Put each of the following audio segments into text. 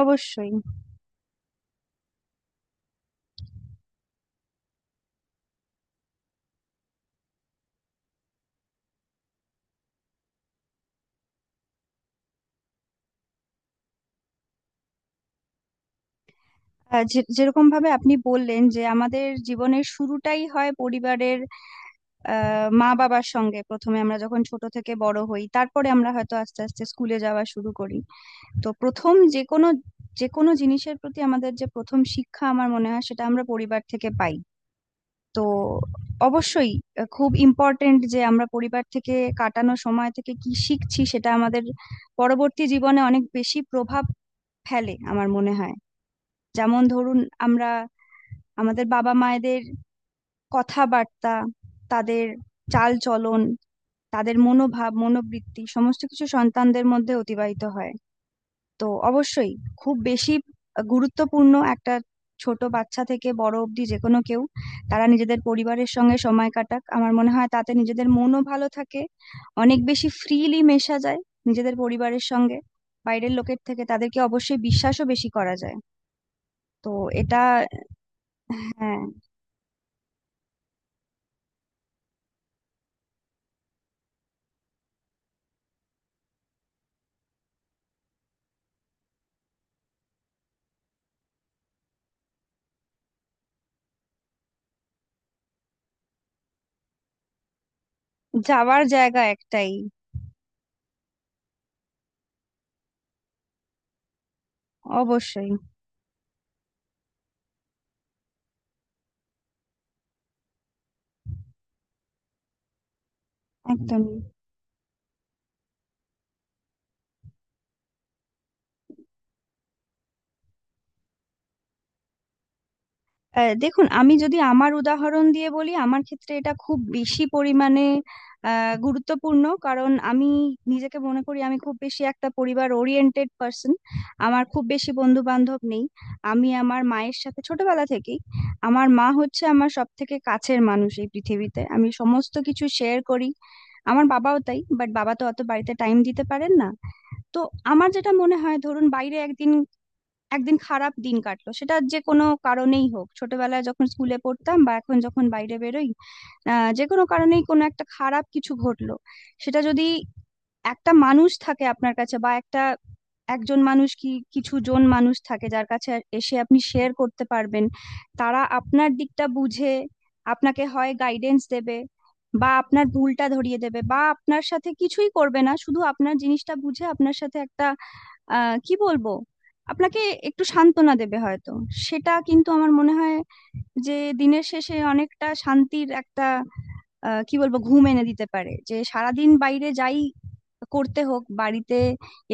অবশ্যই। যেরকম ভাবে আপনি বললেন যে আমাদের জীবনের শুরুটাই হয় পরিবারের মা বাবার সঙ্গে। প্রথমে আমরা যখন ছোট থেকে বড় হই, তারপরে আমরা হয়তো আস্তে আস্তে স্কুলে যাওয়া শুরু করি। তো প্রথম যে কোনো জিনিসের প্রতি আমাদের যে প্রথম শিক্ষা, আমার মনে হয় সেটা আমরা পরিবার থেকে পাই। তো অবশ্যই খুব ইম্পর্টেন্ট যে আমরা পরিবার থেকে কাটানো সময় থেকে কি শিখছি সেটা আমাদের পরবর্তী জীবনে অনেক বেশি প্রভাব ফেলে আমার মনে হয়। যেমন ধরুন, আমরা আমাদের বাবা মায়েদের কথাবার্তা, তাদের চালচলন, তাদের মনোভাব মনোবৃত্তি সমস্ত কিছু সন্তানদের মধ্যে অতিবাহিত হয়। তো অবশ্যই খুব বেশি গুরুত্বপূর্ণ একটা। ছোট বাচ্চা থেকে বড় অবধি যে কোনো কেউ, তারা নিজেদের পরিবারের সঙ্গে সময় কাটাক, আমার মনে হয় তাতে নিজেদের মনও ভালো থাকে, অনেক বেশি ফ্রিলি মেশা যায় নিজেদের পরিবারের সঙ্গে। বাইরের লোকের থেকে তাদেরকে অবশ্যই বিশ্বাসও বেশি করা যায়। তো এটা। হ্যাঁ, যাওয়ার জায়গা একটাই। অবশ্যই। একদমই। দেখুন, আমি যদি আমার উদাহরণ দিয়ে বলি, আমার ক্ষেত্রে এটা খুব বেশি পরিমাণে গুরুত্বপূর্ণ, কারণ আমি নিজেকে মনে করি আমি খুব বেশি একটা পরিবার ওরিয়েন্টেড পার্সন। আমার খুব বেশি বন্ধু বান্ধব নেই। আমি আমার মায়ের সাথে ছোটবেলা থেকেই, আমার মা হচ্ছে আমার সব থেকে কাছের মানুষ এই পৃথিবীতে, আমি সমস্ত কিছু শেয়ার করি। আমার বাবাও তাই, বাট বাবা তো অত বাড়িতে টাইম দিতে পারেন না। তো আমার যেটা মনে হয়, ধরুন বাইরে একদিন একদিন খারাপ দিন কাটলো, সেটা যে কোনো কারণেই হোক, ছোটবেলায় যখন স্কুলে পড়তাম বা এখন যখন বাইরে বেরোই, যে কোনো কারণেই কোনো একটা খারাপ কিছু ঘটলো, সেটা যদি একটা মানুষ থাকে আপনার কাছে, বা একজন মানুষ কি কিছু জন মানুষ থাকে যার কাছে এসে আপনি শেয়ার করতে পারবেন, তারা আপনার দিকটা বুঝে আপনাকে হয় গাইডেন্স দেবে, বা আপনার ভুলটা ধরিয়ে দেবে, বা আপনার সাথে কিছুই করবে না, শুধু আপনার জিনিসটা বুঝে আপনার সাথে একটা, আহ কি বলবো আপনাকে একটু সান্ত্বনা দেবে হয়তো। সেটা কিন্তু আমার মনে হয় যে দিনের শেষে অনেকটা শান্তির একটা, আহ, কি বলবো ঘুম এনে দিতে পারে। যে সারাদিন বাইরে যাই করতে হোক, বাড়িতে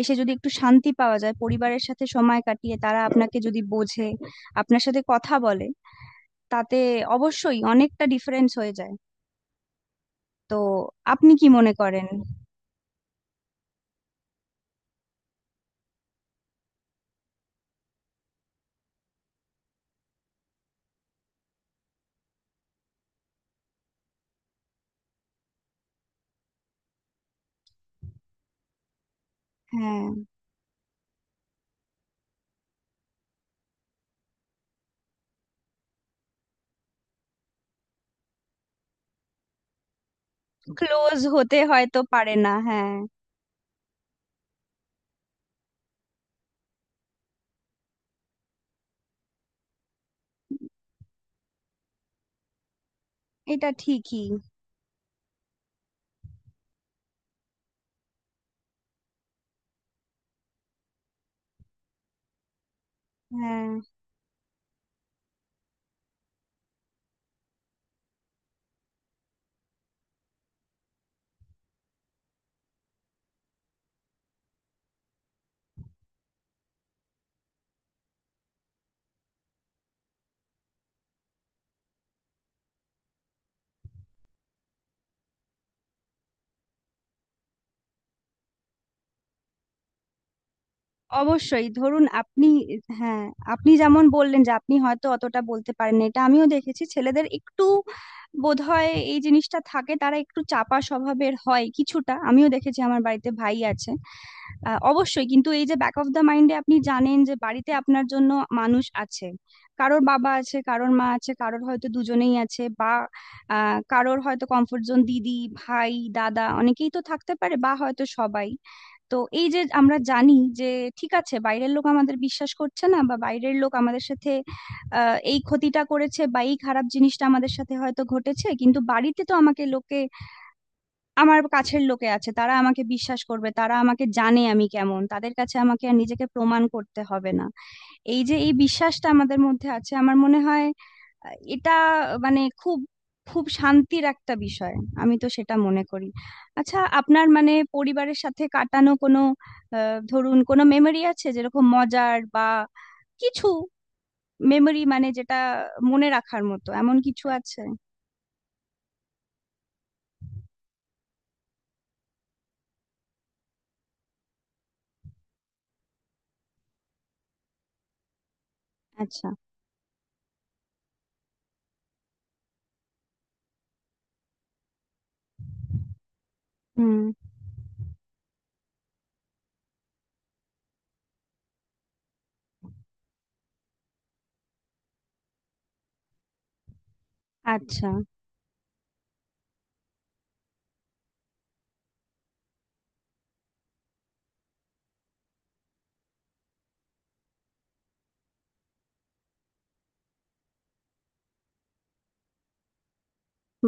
এসে যদি একটু শান্তি পাওয়া যায় পরিবারের সাথে সময় কাটিয়ে, তারা আপনাকে যদি বোঝে, আপনার সাথে কথা বলে, তাতে অবশ্যই অনেকটা ডিফারেন্স হয়ে যায়। তো আপনি কি মনে করেন? হ্যাঁ। ক্লোজ হতে হয়তো পারে না, হ্যাঁ। এটা ঠিকই। হ্যাঁ। অবশ্যই, ধরুন আপনি। হ্যাঁ, আপনি যেমন বললেন যে আপনি হয়তো অতটা বলতে পারেন না, এটা আমিও দেখেছি, ছেলেদের একটু বোধহয় এই জিনিসটা থাকে, তারা একটু চাপা স্বভাবের হয় কিছুটা, আমিও দেখেছি আমার বাড়িতে ভাই আছে। অবশ্যই, কিন্তু এই যে ব্যাক অফ দ্য মাইন্ডে আপনি জানেন যে বাড়িতে আপনার জন্য মানুষ আছে, কারোর বাবা আছে, কারোর মা আছে, কারোর হয়তো দুজনেই আছে, বা কারোর হয়তো কমফোর্ট জোন দিদি, ভাই, দাদা, অনেকেই তো থাকতে পারে, বা হয়তো সবাই। তো এই যে আমরা জানি যে ঠিক আছে বাইরের লোক আমাদের বিশ্বাস করছে না, বা বাইরের লোক আমাদের সাথে এই ক্ষতিটা করেছে, বা এই খারাপ জিনিসটা আমাদের সাথে হয়তো ঘটেছে, কিন্তু বাড়িতে তো আমাকে লোকে, আমার কাছের লোকে আছে, তারা আমাকে বিশ্বাস করবে, তারা আমাকে জানে আমি কেমন, তাদের কাছে আমাকে আর নিজেকে প্রমাণ করতে হবে না। এই যে এই বিশ্বাসটা আমাদের মধ্যে আছে আমার মনে হয় এটা মানে খুব খুব শান্তির একটা বিষয়। আমি তো সেটা মনে করি। আচ্ছা, আপনার মানে পরিবারের সাথে কাটানো কোনো ধরুন কোনো মেমোরি আছে যেরকম মজার বা কিছু মেমোরি, মানে যেটা মনে রাখার মতো, এমন কিছু আছে? আচ্ছা। হুম। আচ্ছা।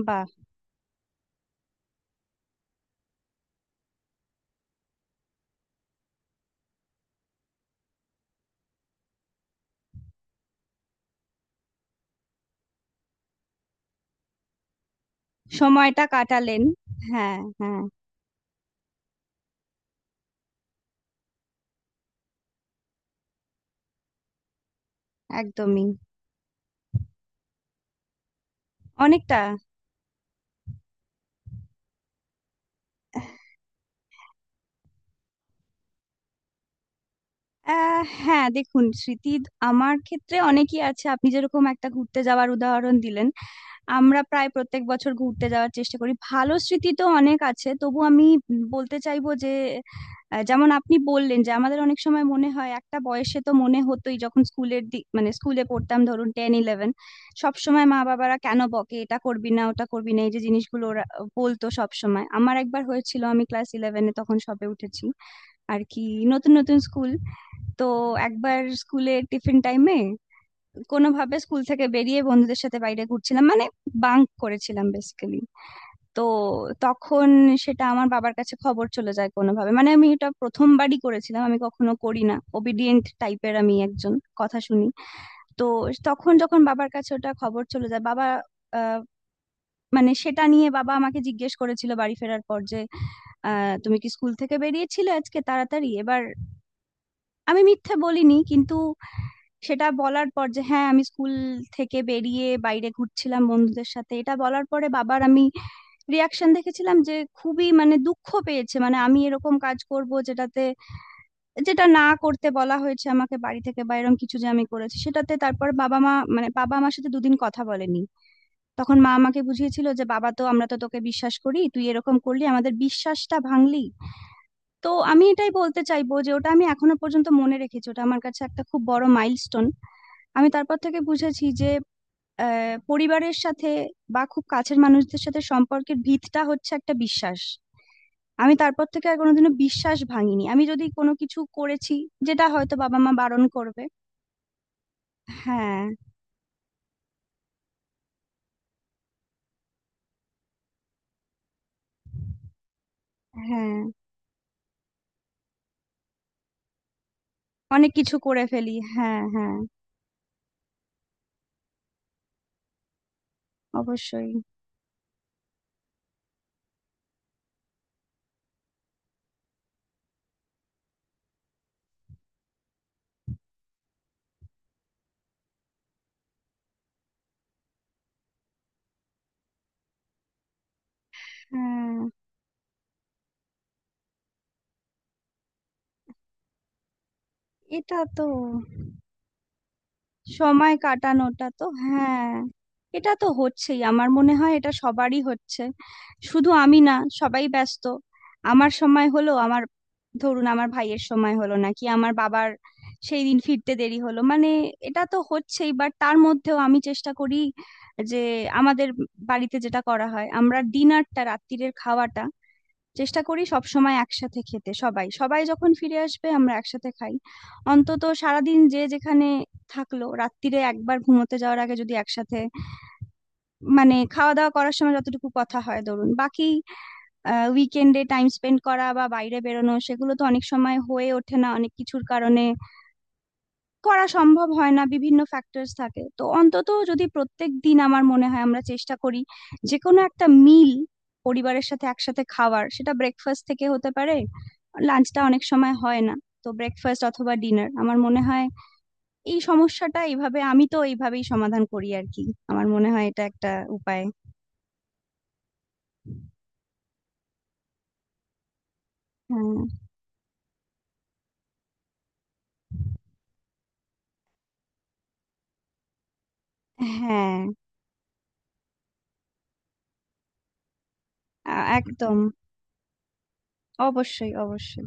বাহ। সময়টা কাটালেন। হ্যাঁ, হ্যাঁ। একদমই। অনেকটা। হ্যাঁ দেখুন, স্মৃতি আমার ক্ষেত্রে অনেকই আছে। আপনি যেরকম একটা ঘুরতে যাওয়ার উদাহরণ দিলেন, আমরা প্রায় প্রত্যেক বছর ঘুরতে যাওয়ার চেষ্টা করি, ভালো স্মৃতি তো অনেক আছে, তবু আমি বলতে চাইবো যে যেমন আপনি বললেন যে আমাদের অনেক সময় মনে হয় একটা বয়সে, তো মনে হতোই যখন স্কুলের দিক, মানে স্কুলে পড়তাম, ধরুন টেন ইলেভেন, সব সময় মা বাবারা কেন বকে, এটা করবি না ওটা করবি না, এই যে জিনিসগুলো ওরা বলতো সব সময়। আমার একবার হয়েছিল, আমি ক্লাস ইলেভেনে তখন সবে উঠেছি আর কি, নতুন নতুন স্কুল। তো একবার স্কুলে টিফিন টাইমে কোনোভাবে স্কুল থেকে বেরিয়ে বন্ধুদের সাথে বাইরে ঘুরছিলাম, মানে বাঙ্ক করেছিলাম বেসিক্যালি। তো তখন সেটা আমার বাবার কাছে খবর চলে যায় কোনোভাবে, মানে আমি এটা প্রথমবারই করেছিলাম, আমি কখনো করি না, ওবিডিয়েন্ট টাইপের আমি একজন, কথা শুনি। তো তখন যখন বাবার কাছে ওটা খবর চলে যায়, বাবা, আহ, মানে সেটা নিয়ে বাবা আমাকে জিজ্ঞেস করেছিল বাড়ি ফেরার পর যে তুমি কি স্কুল থেকে বেরিয়েছিলে আজকে তাড়াতাড়ি এবার। আমি মিথ্যা বলিনি কিন্তু, সেটা বলার পর যে হ্যাঁ আমি স্কুল থেকে বেরিয়ে বাইরে ঘুরছিলাম বন্ধুদের সাথে, এটা বলার পরে বাবার আমি রিয়াকশন দেখেছিলাম যে খুবই মানে দুঃখ পেয়েছে, মানে আমি এরকম কাজ করব যেটাতে, যেটা না করতে বলা হয়েছে আমাকে বাড়ি থেকে বা এরকম কিছু যে আমি করেছি সেটাতে। তারপর বাবা মা, মানে বাবা আমার সাথে দুদিন কথা বলেনি। তখন মা আমাকে বুঝিয়েছিল যে বাবা তো, আমরা তো তোকে বিশ্বাস করি, তুই এরকম করলি আমাদের বিশ্বাসটা ভাঙলি। তো আমি এটাই বলতে চাইবো যে ওটা আমি এখনো পর্যন্ত মনে রেখেছি, ওটা আমার কাছে একটা খুব বড় মাইলস্টোন। আমি তারপর থেকে বুঝেছি যে পরিবারের সাথে বা খুব কাছের মানুষদের সাথে সম্পর্কের ভিতটা হচ্ছে একটা বিশ্বাস। আমি তারপর থেকে আর কোনোদিনও বিশ্বাস ভাঙিনি, আমি যদি কোনো কিছু করেছি যেটা হয়তো বাবা মা বারণ করবে। হ্যাঁ। হ্যাঁ, অনেক কিছু করে ফেলি, হ্যাঁ, হ্যাঁ। অবশ্যই। হ্যাঁ। এটা তো, সময় কাটানোটা তো, হ্যাঁ, এটা তো হচ্ছেই, আমার মনে হয় এটা সবারই হচ্ছে, শুধু আমি না, সবাই ব্যস্ত। আমার সময় হলো, আমার ধরুন আমার ভাইয়ের সময় হলো না, কি আমার বাবার সেই দিন ফিরতে দেরি হলো, মানে এটা তো হচ্ছেই। বাট তার মধ্যেও আমি চেষ্টা করি যে, আমাদের বাড়িতে যেটা করা হয়, আমরা ডিনারটা, রাত্তিরের খাওয়াটা চেষ্টা করি সব সময় একসাথে খেতে, সবাই সবাই যখন ফিরে আসবে আমরা একসাথে খাই। অন্তত সারাদিন যে যেখানে থাকলো, রাত্তিরে একবার ঘুমোতে যাওয়ার আগে যদি একসাথে মানে খাওয়া দাওয়া করার সময় যতটুকু কথা হয়। ধরুন বাকি উইকেন্ডে টাইম স্পেন্ড করা বা বাইরে বেরোনো, সেগুলো তো অনেক সময় হয়ে ওঠে না অনেক কিছুর কারণে, করা সম্ভব হয় না, বিভিন্ন ফ্যাক্টরস থাকে। তো অন্তত যদি প্রত্যেক দিন, আমার মনে হয় আমরা চেষ্টা করি যে কোনো একটা মিল পরিবারের সাথে একসাথে খাওয়ার, সেটা ব্রেকফাস্ট থেকে হতে পারে, লাঞ্চটা অনেক সময় হয় না, তো ব্রেকফাস্ট অথবা ডিনার আমার মনে হয়। এই সমস্যাটা এইভাবে, আমি তো এইভাবেই সমাধান করি আর কি। আমার মনে হয় এটা একটা উপায়। হ্যাঁ। হ্যাঁ। একদম। অবশ্যই, অবশ্যই।